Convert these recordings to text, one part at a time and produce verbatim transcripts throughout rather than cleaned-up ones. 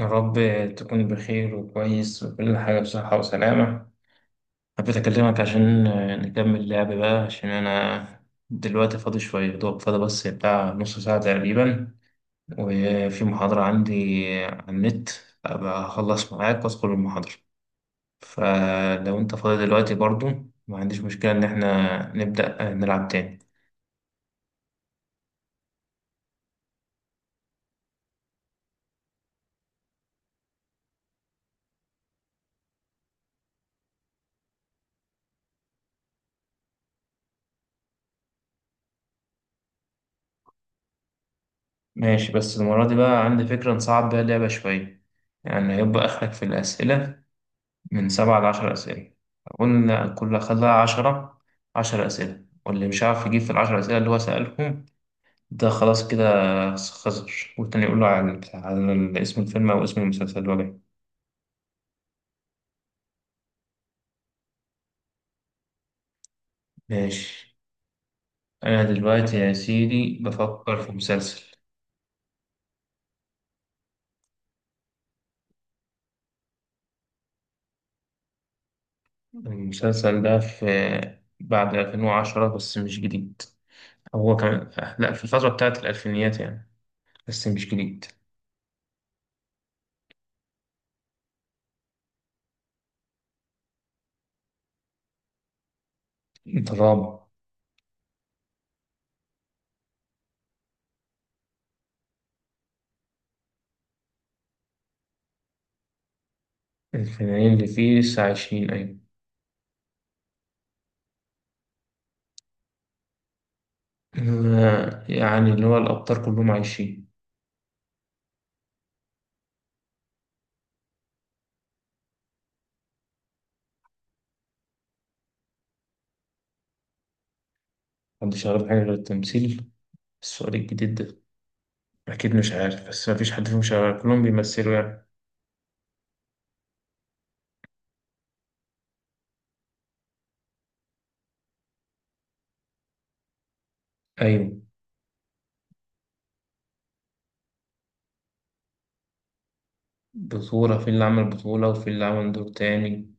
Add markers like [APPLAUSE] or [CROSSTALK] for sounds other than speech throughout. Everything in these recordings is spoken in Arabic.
يا رب تكون بخير وكويس وكل حاجة بصحة وسلامة. حبيت أكلمك عشان نكمل لعب بقى، عشان أنا دلوقتي فاضي شوية، يا دوب فاضي بس بتاع نص ساعة تقريبا، وفي محاضرة عندي على النت، أبقى أخلص معاك وأدخل المحاضرة. فلو أنت فاضي دلوقتي برضو، ما عنديش مشكلة إن إحنا نبدأ نلعب تاني. ماشي، بس المرة دي بقى عندي فكرة نصعب بيها اللعبة شوية. يعني هيبقى آخرك في الأسئلة من سبعة لعشر أسئلة. قلنا كل خلاها عشرة، عشر أسئلة، واللي مش عارف يجيب في العشر أسئلة اللي هو سألهم ده خلاص كده خسر، والتاني يقول له على, على اسم الفيلم أو اسم المسلسل اللي هو جاي. ماشي. أنا دلوقتي يا سيدي بفكر في مسلسل. المسلسل ده في بعد ألفين وعشرة بس مش جديد. هو كان، لأ، في الفترة بتاعت الألفينيات يعني، بس مش جديد. دراما. الفنانين اللي فيه لسه عايشين، أيوة. آه، يعني اللي هو الأبطال كلهم عايشين. محدش يعرف حاجة غير التمثيل. السؤال الجديد ده أكيد مش عارف، بس مفيش حد فيهم شغال، كلهم بيمثلوا يعني. أيوة. بطولة، في اللي عمل بطولة وفي اللي عمل دور تاني.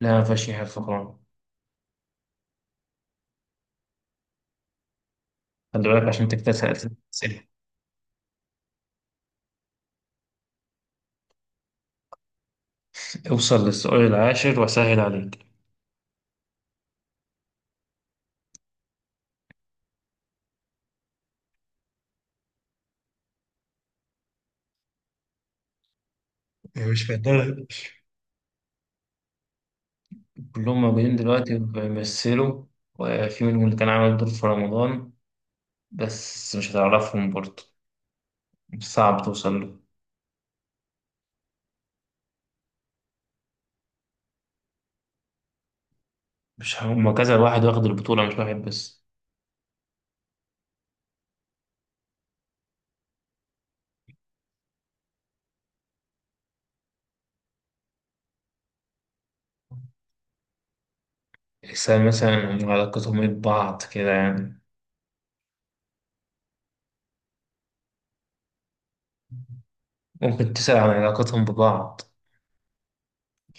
لا مفيهاش حاجة فقران. خلي بالك عشان تكتسب سألت أسئلة. اوصل للسؤال العاشر وأسهل عليك. مش فاكر، كلهم موجودين دلوقتي بيمثلوا، وفي منهم اللي كان عامل دور في رمضان، بس مش هتعرفهم برضه، صعب توصل له. مش هما كذا واحد واخد البطولة، مش واحد بس. تحسها مثلا علاقتهم ايه ببعض كده يعني. ممكن تسأل عن علاقتهم ببعض،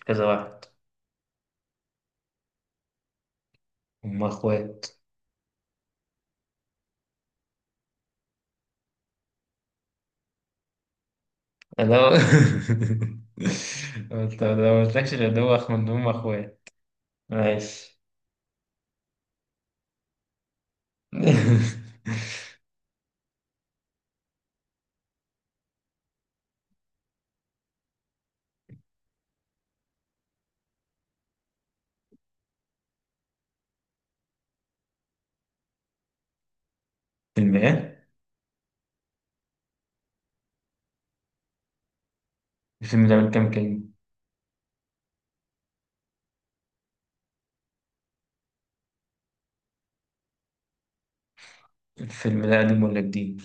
كذا واحد. هما اخوات. انا [LAUGHS] انت لو مقلتلكش غير ده هو اخو ان هما اخوات. ماشي. [LAUGHS] فيلم ايه؟ الفيلم ده من كام كلمة؟ الفيلم ده قديم ولا جديد؟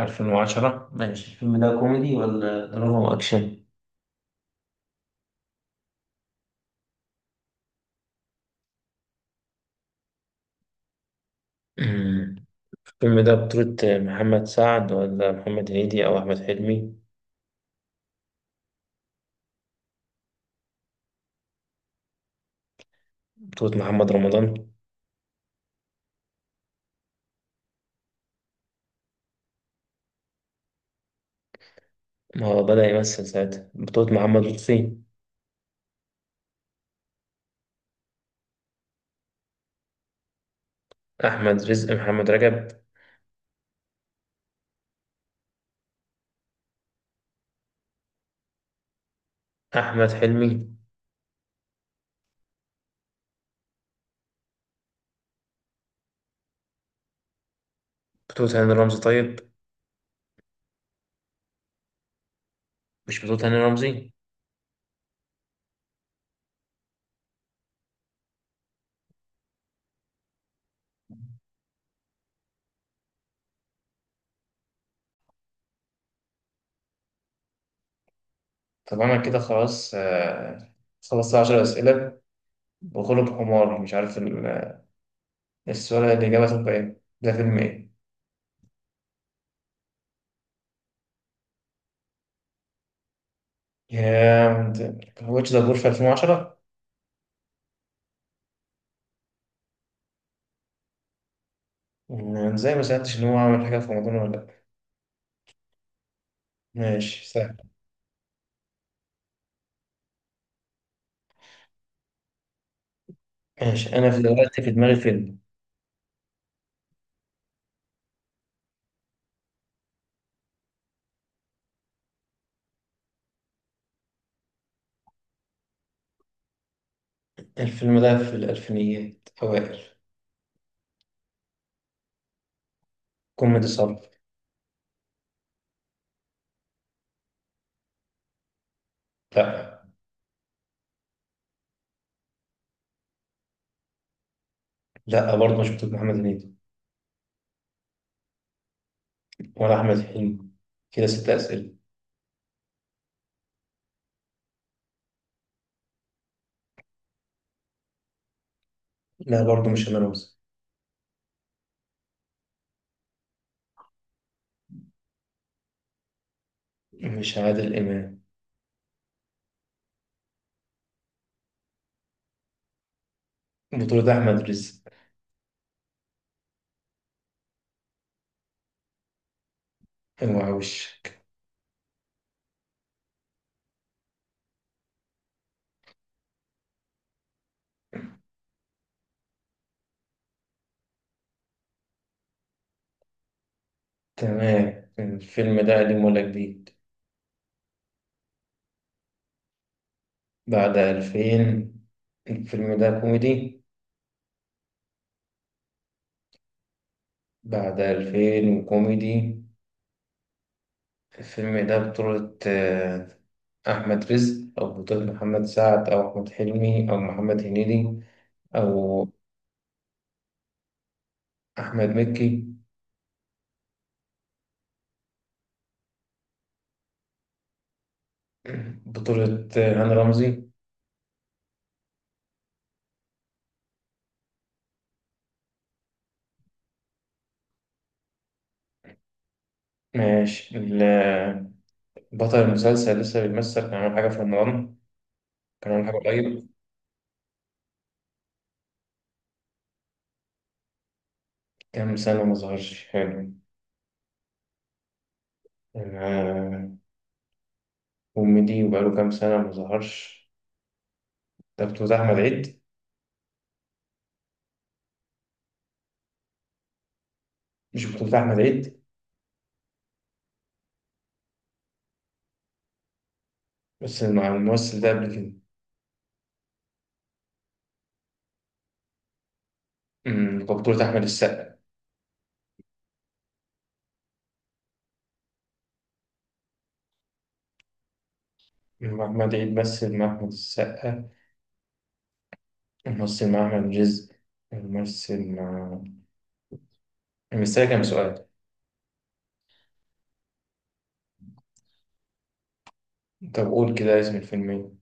ألفين وعشرة ماشي. الفيلم ده كوميدي ولا دراما وأكشن؟ الفيلم ده بطولة محمد سعد ولا محمد هنيدي أو أحمد حلمي؟ بطولة محمد رمضان؟ ما هو بدأ يمثل ساعتها. بطولة محمد لطفي؟ أحمد رزق؟ محمد رجب؟ أحمد حلمي؟ بطولة هاني رمزي طيب؟ مش بطولة هاني رمزي؟ طب أنا كده خلاص. آه، خلصت عشر أسئلة، بغلب حمار مش عارف ال- السؤال. الإجابة تبقى إيه؟ ده فيلم إيه؟ يا، واتش ذا بور في ألفين وعشرة؟ ازاي ما سألتش إن هو عمل حاجة في رمضان ولا لأ. ماشي. ماشي، أنا في دلوقتي في دماغي فيلم. الفيلم ده في الألفينيات أوائل. كوميدي صرف. لا. لا برضه مش بتوع محمد هنيدي. ولا أحمد حلمي. كده ست أسئلة. لا برضه، مش أنا موسى. مش عادل إمام. بطولة أحمد رزق؟ أوعى وشك. تمام، الفيلم ده قديم ولا جديد؟ بعد ألفين. الفيلم ده كوميدي. بعد ألفين وكوميدي. الفيلم ده بطولة آه، أحمد رزق أو بطولة محمد سعد أو أحمد حلمي أو محمد هنيدي، أو أحمد مكي؟ بطولة آه، هاني رمزي؟ ماشي. ال- آه، بطل المسلسل لسه بيمثل، كان عامل حاجة في رمضان؟ كان عامل حاجة قريب؟ كام سنة ما ظهرش، حلو. آه، كوميدي وبقاله كام سنة ما ظهرش. ده بطولة أحمد عيد؟ مش بطولة أحمد عيد. بس مع الممثل ده قبل كده. أمم، بطولة أحمد السقا؟ محمد عيد مثل مع أحمد السقا، ومثل مع أحمد رزق، ومثل مع، مستني كام سؤال؟ طب قول كده اسم الفيلم إيه.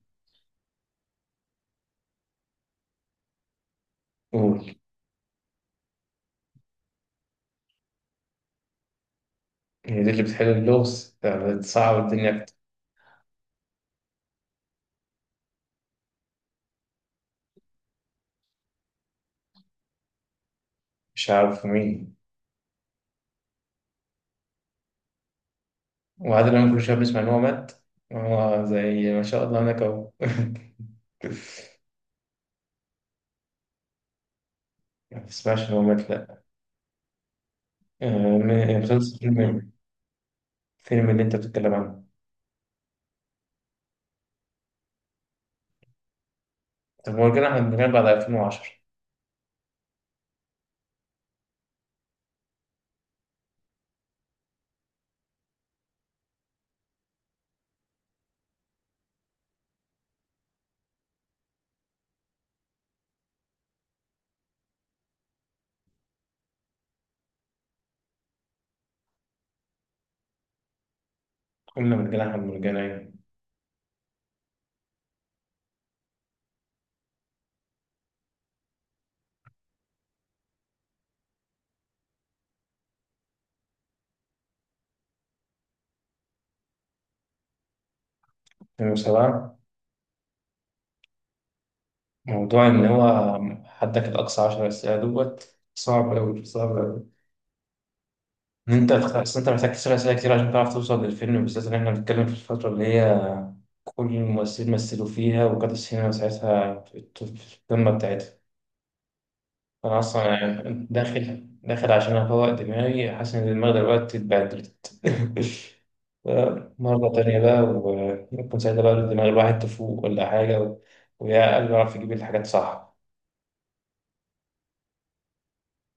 قول. هي دي اللي بتحل اللغز، ده بتصعب الدنيا أكتر. مش عارف مين. وعادل إمام كل شوية بنسمع إن هو مات، هو زي ما شاء الله هناك أهو. [LAUGHS] ما تسمعش إن هو مات، لأ. آه، من- مسلسل فيلم إيه؟ الفيلم اللي أنت بتتكلم عنه. طب مرجان أحمد مرجان بعد ألفين وعشرة؟ قلنا مرجان أحمد مرجان، أيوة. ألفين وسبعة. موضوع إن هو، حدك الأقصى عشر أسئلة دوت، صعب أوي صعب أوي، إن أنت، أصل أنت محتاج تسأل أسئلة كتير عشان تعرف توصل للفيلم، بالذات إن إحنا بنتكلم في الفترة اللي هي كل الممثلين مثلوا فيها، وكانت السينما ساعتها في الت- في القمة بتاعتها. أنا أصلا يعني داخل داخل عشان أفوق دماغي، حاسس إن دماغي دلوقتي اتبهدلت. [LAUGHS] مرة تانية بقى، و- ويكون ساعتها بقى دماغ الواحد تفوق ولا حاجة، و- ويا قلبه يعرف يجيب الحاجات صح.